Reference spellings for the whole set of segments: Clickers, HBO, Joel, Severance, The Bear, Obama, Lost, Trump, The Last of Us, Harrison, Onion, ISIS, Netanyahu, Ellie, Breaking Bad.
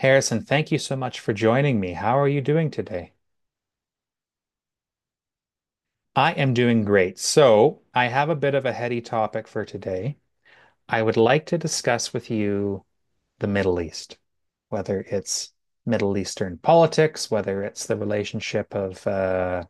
Harrison, thank you so much for joining me. How are you doing today? I am doing great. So, I have a bit of a heady topic for today. I would like to discuss with you the Middle East, whether it's Middle Eastern politics, whether it's the relationship of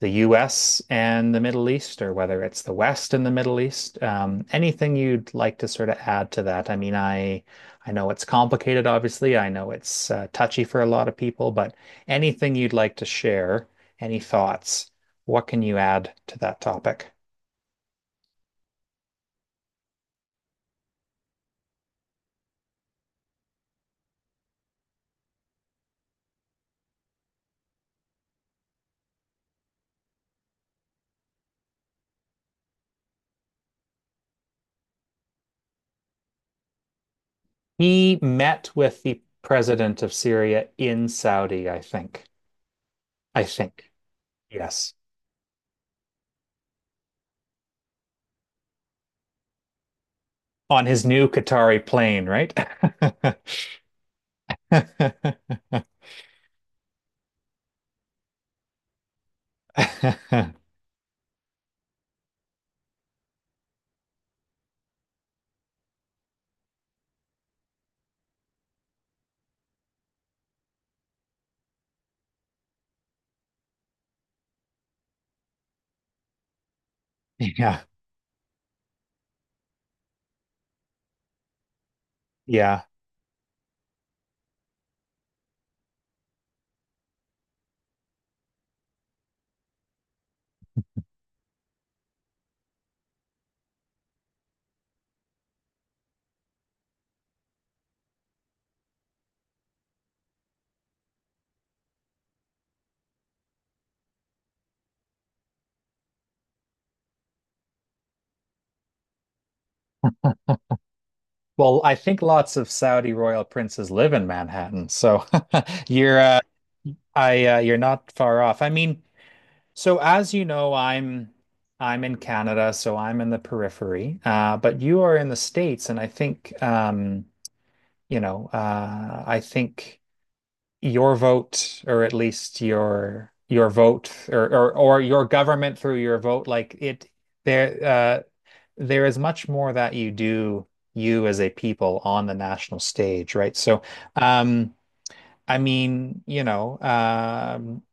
the US and the Middle East, or whether it's the West and the Middle East. Anything you'd like to sort of add to that? I mean, I know it's complicated, obviously. I know it's touchy for a lot of people, but anything you'd like to share, any thoughts, what can you add to that topic? He met with the president of Syria in Saudi, I think. I think. Yes. On his new Qatari plane, right? Yeah. Yeah. Well, I think lots of Saudi royal princes live in Manhattan, so you're I you're not far off. I mean, so as you know, I'm in Canada, so I'm in the periphery. But you are in the States, and I think you know, I think your vote, or at least your vote or or your government through your vote, like it there there is much more that you do, you as a people on the national stage, right? So um, I mean, you know,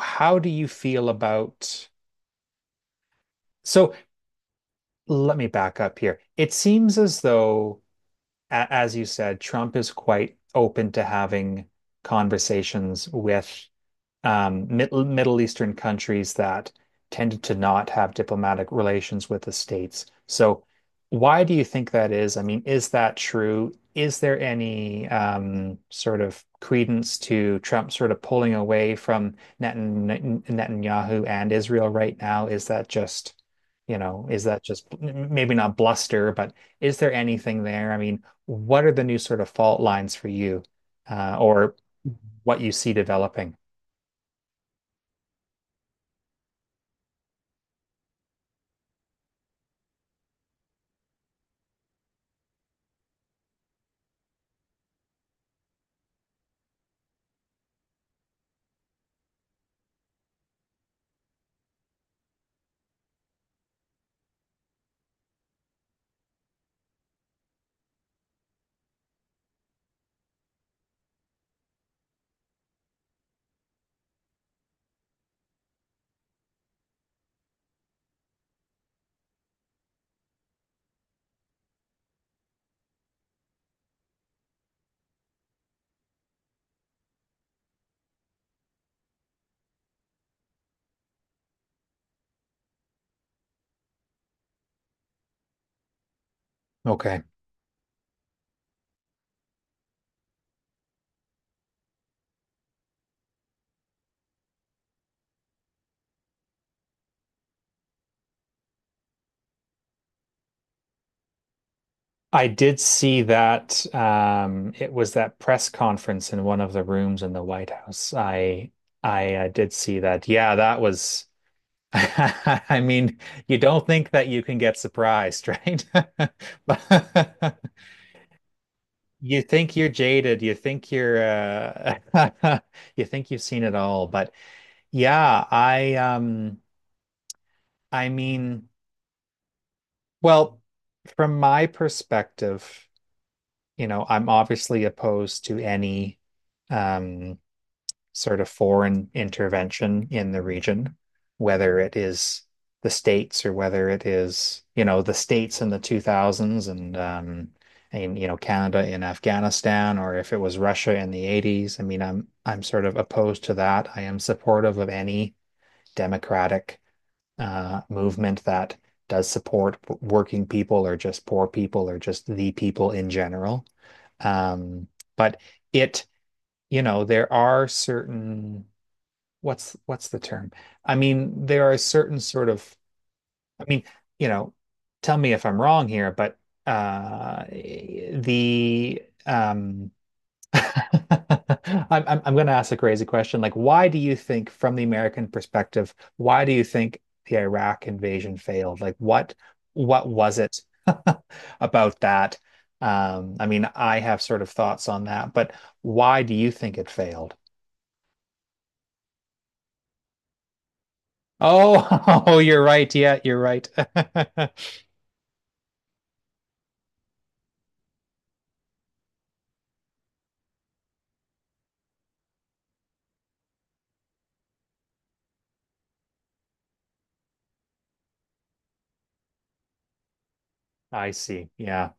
how do you feel about so let me back up here. It seems as though as you said, Trump is quite open to having conversations with Middle Eastern countries that tended to not have diplomatic relations with the states. So, why do you think that is? I mean, is that true? Is there any sort of credence to Trump sort of pulling away from Netanyahu and Israel right now? Is that just, you know, is that just maybe not bluster, but is there anything there? I mean, what are the new sort of fault lines for you, or what you see developing? Okay. I did see that. It was that press conference in one of the rooms in the White House. I did see that. Yeah, that was. I mean, you don't think that you can get surprised, right? But you think you're jaded. You think you're you think you've seen it all. But yeah, I mean, well, from my perspective, you know, I'm obviously opposed to any um, sort of foreign intervention in the region, whether it is the states, or whether it is, you know, the states in the 2000s, and you know, Canada in Afghanistan, or if it was Russia in the 80s. I mean, I'm sort of opposed to that. I am supportive of any democratic movement that does support working people, or just poor people, or just the people in general. Um, but it, you know, there are certain what's the term? I mean, there are certain sort of, I mean, you know, tell me if I'm wrong here, but the I'm I'm going to ask a crazy question. Like, why do you think, from the American perspective, why do you think the Iraq invasion failed? Like, what was it about that? I mean, I have sort of thoughts on that, but why do you think it failed? Oh, oh, you're right. Yeah, you're right. I see. Yeah.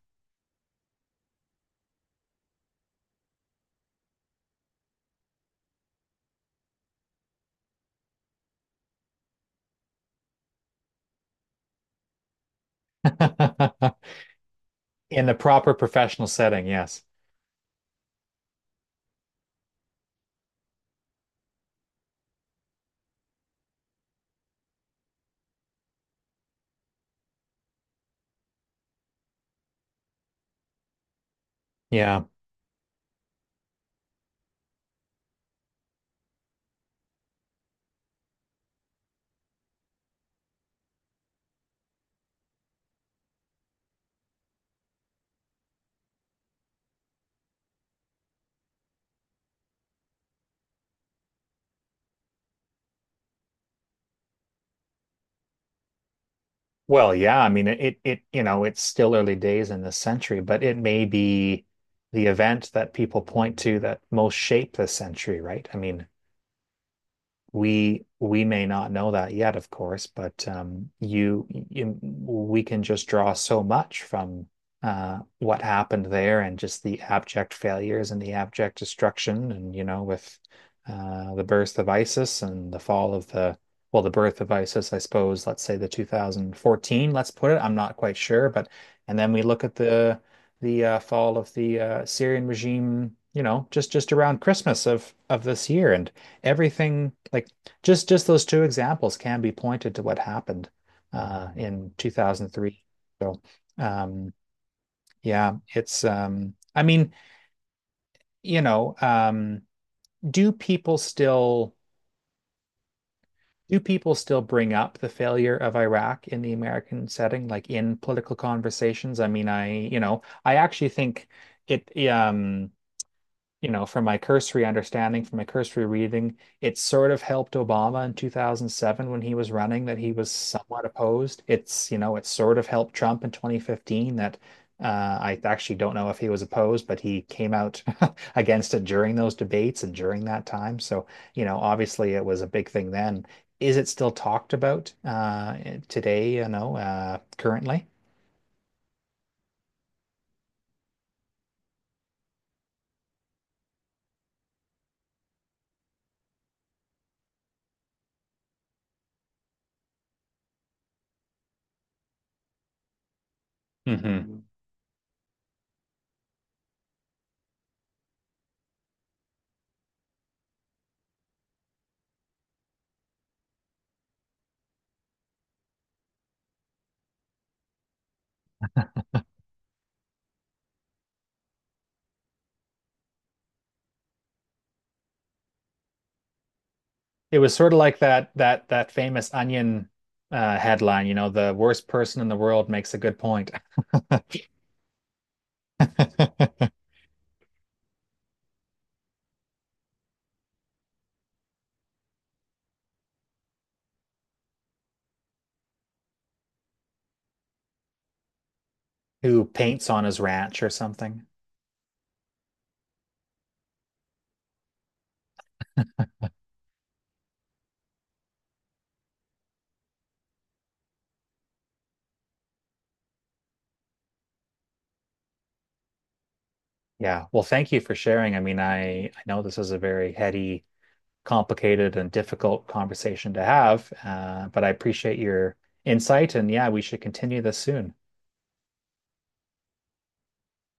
In the proper professional setting, yes. Yeah. Well, yeah, I mean it, it you know, it's still early days in this century, but it may be the event that people point to that most shaped this century, right? I mean, we may not know that yet, of course, but you, you we can just draw so much from what happened there, and just the abject failures and the abject destruction, and you know, with the birth of ISIS and the fall of the, well, the birth of ISIS, I suppose. Let's say the 2014. Let's put it. I'm not quite sure, but and then we look at the fall of the Syrian regime. You know, just around Christmas of this year, and everything. Like, just those two examples can be pointed to what happened in 2003. So um, yeah, it's I mean, you know, do people still, do people still bring up the failure of Iraq in the American setting, like in political conversations? I mean, I you know, I actually think it you know, from my cursory understanding, from my cursory reading, it sort of helped Obama in 2007 when he was running, that he was somewhat opposed. It's, you know, it sort of helped Trump in 2015 that uh, I actually don't know if he was opposed, but he came out against it during those debates and during that time. So, you know, obviously it was a big thing then. Is it still talked about today, you know, currently? Mm-hmm. It was sort of like that that famous Onion headline, you know, the worst person in the world makes a good point. Who paints on his ranch or something. Yeah. Well, thank you for sharing. I mean, I know this is a very heady, complicated, and difficult conversation to have, but I appreciate your insight, and yeah, we should continue this soon.